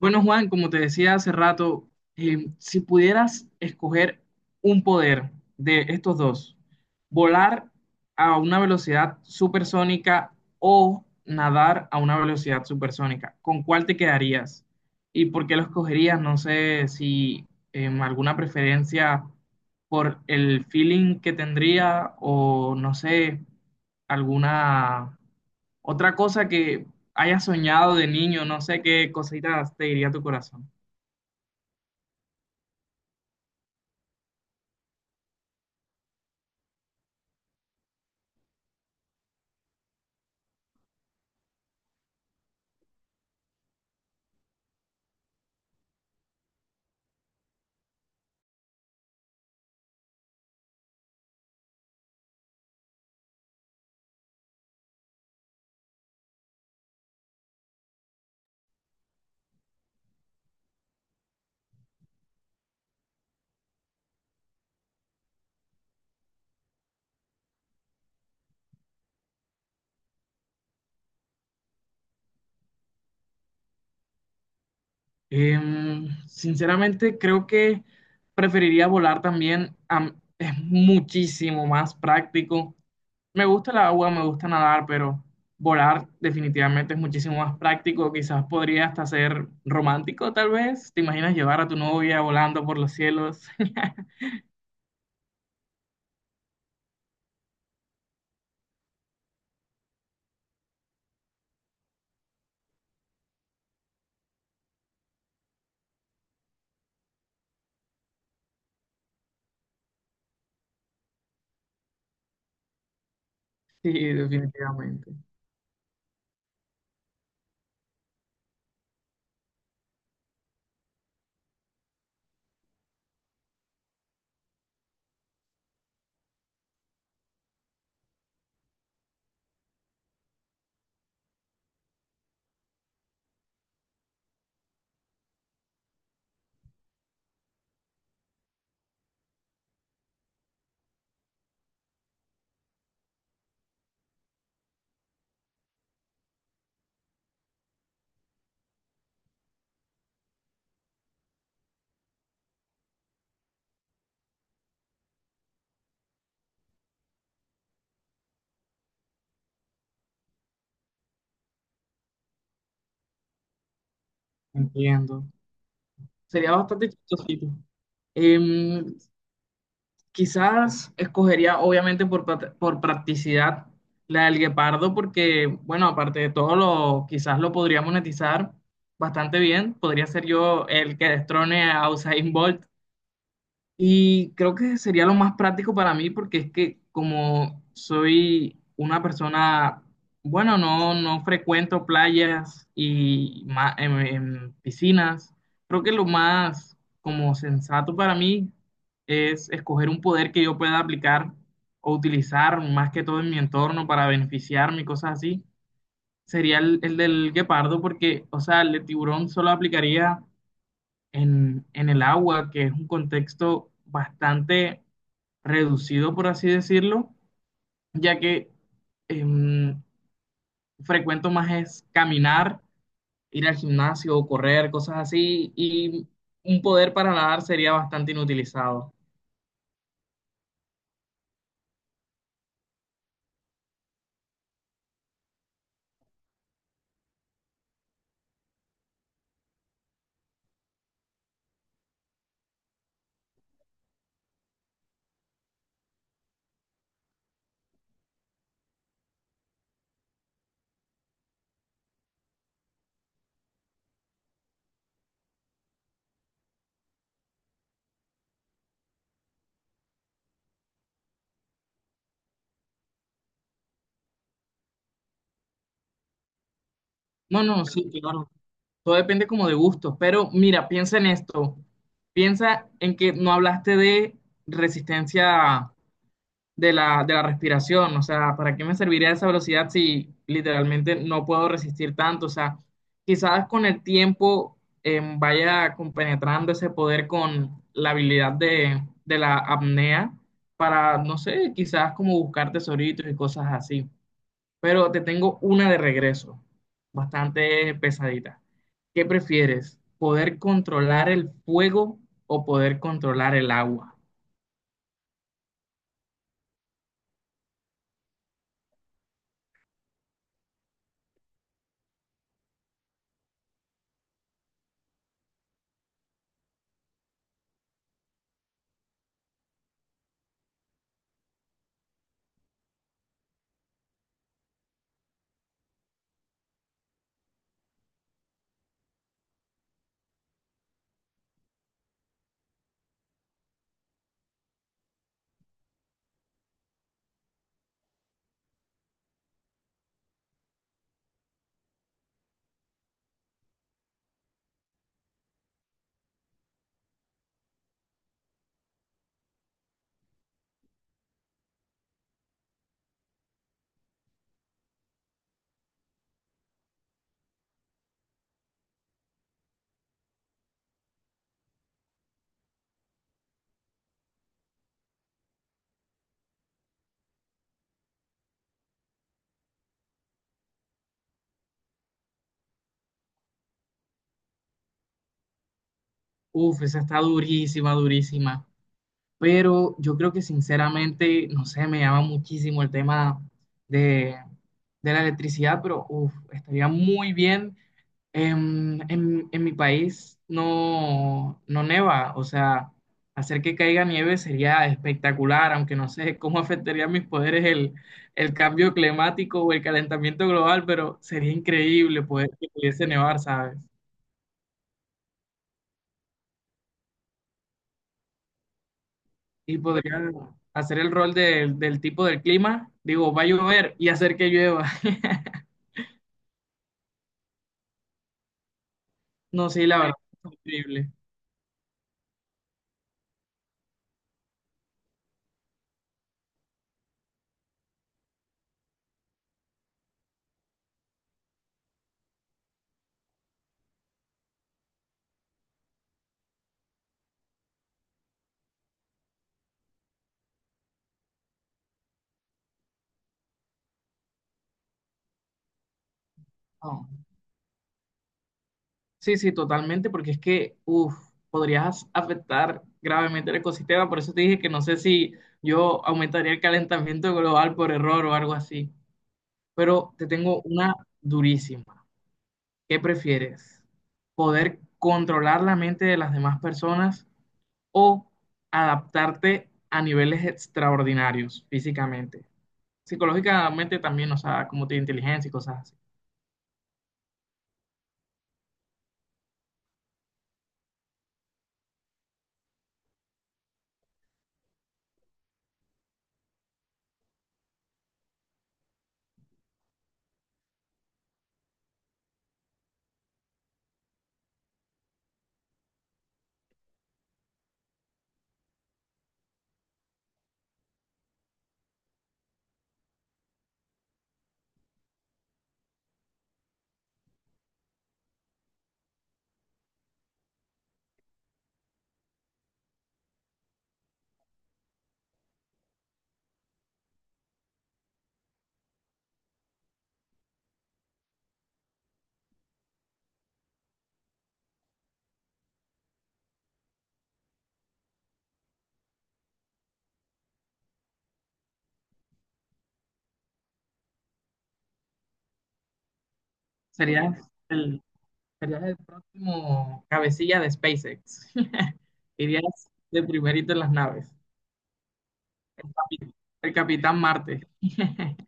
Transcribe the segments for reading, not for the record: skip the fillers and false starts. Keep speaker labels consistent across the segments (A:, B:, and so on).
A: Bueno, Juan, como te decía hace rato, si pudieras escoger un poder de estos dos, volar a una velocidad supersónica o nadar a una velocidad supersónica, ¿con cuál te quedarías? ¿Y por qué lo escogerías? No sé si alguna preferencia por el feeling que tendría, o no sé, alguna otra cosa que hayas soñado de niño. No sé qué cositas te diría tu corazón. Sinceramente, creo que preferiría volar también. Es muchísimo más práctico. Me gusta el agua, me gusta nadar, pero volar definitivamente es muchísimo más práctico. Quizás podría hasta ser romántico, tal vez. ¿Te imaginas llevar a tu novia volando por los cielos? Sí, definitivamente. Entiendo. Sería bastante chistosito. Em, Quizás escogería, obviamente, por, por practicidad, la del guepardo, porque, bueno, aparte de todo, lo, quizás lo podría monetizar bastante bien. Podría ser yo el que destrone a Usain Bolt, y creo que sería lo más práctico para mí, porque es que como soy una persona, bueno, no, no frecuento playas y piscinas, creo que lo más como sensato para mí es escoger un poder que yo pueda aplicar o utilizar más que todo en mi entorno para beneficiarme y cosas así. Sería el del guepardo, porque, o sea, el de tiburón solo aplicaría en el agua, que es un contexto bastante reducido, por así decirlo, ya que em, frecuento más es caminar, ir al gimnasio o correr, cosas así, y un poder para nadar sería bastante inutilizado. No, no, sí, claro. Todo depende como de gustos, pero mira, piensa en esto. Piensa en que no hablaste de resistencia de la respiración. O sea, ¿para qué me serviría esa velocidad si literalmente no puedo resistir tanto? O sea, quizás con el tiempo vaya compenetrando ese poder con la habilidad de la apnea para, no sé, quizás como buscar tesoritos y cosas así. Pero te tengo una de regreso, bastante pesadita. ¿Qué prefieres? ¿Poder controlar el fuego o poder controlar el agua? Uf, esa está durísima, durísima. Pero yo creo que sinceramente, no sé, me llama muchísimo el tema de, de la electricidad, pero uf, estaría muy bien. En mi país no, no neva, o sea, hacer que caiga nieve sería espectacular, aunque no sé cómo afectaría a mis poderes el cambio climático o el calentamiento global, pero sería increíble poder que pudiese nevar, ¿sabes? Y podría hacer el rol del, del tipo del clima, digo, va a llover y hacer que llueva. No, sí, la verdad, es increíble. No. Sí, sí, totalmente, porque es que, uff, podrías afectar gravemente el ecosistema, por eso te dije que no sé si yo aumentaría el calentamiento global por error o algo así. Pero te tengo una durísima. ¿Qué prefieres? ¿Poder controlar la mente de las demás personas o adaptarte a niveles extraordinarios físicamente? Psicológicamente también, o sea, como tu inteligencia y cosas así. Serías el, serías el próximo cabecilla de SpaceX. Irías de primerito en las naves. Capi- El Capitán Marte.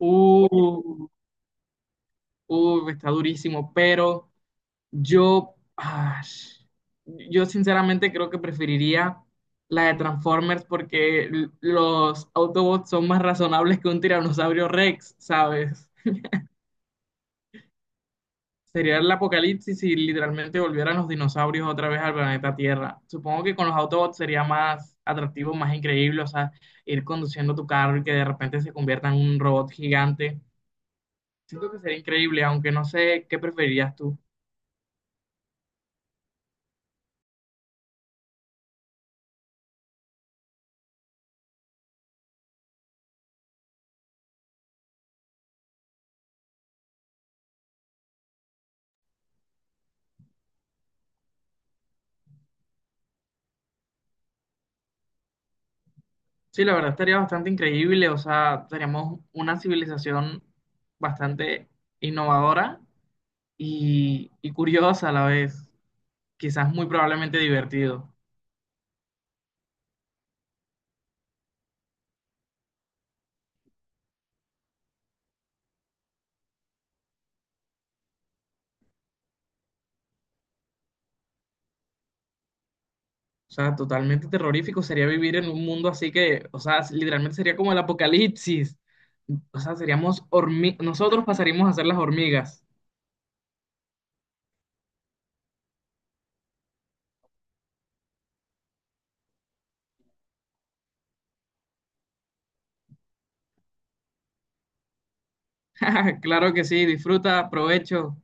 A: Uh, está durísimo, pero yo, ah, yo sinceramente creo que preferiría la de Transformers, porque los Autobots son más razonables que un tiranosaurio Rex, ¿sabes? Sería el apocalipsis si literalmente volvieran los dinosaurios otra vez al planeta Tierra. Supongo que con los Autobots sería más atractivo, más increíble, o sea, ir conduciendo tu carro y que de repente se convierta en un robot gigante. Siento que sería increíble, aunque no sé qué preferirías tú. Sí, la verdad estaría bastante increíble, o sea, seríamos una civilización bastante innovadora y curiosa a la vez, quizás muy probablemente divertido, o sea, totalmente terrorífico sería vivir en un mundo así que, o sea, literalmente sería como el apocalipsis, o sea, seríamos hormigas, nosotros pasaríamos a ser las hormigas. Claro que sí, disfruta, provecho.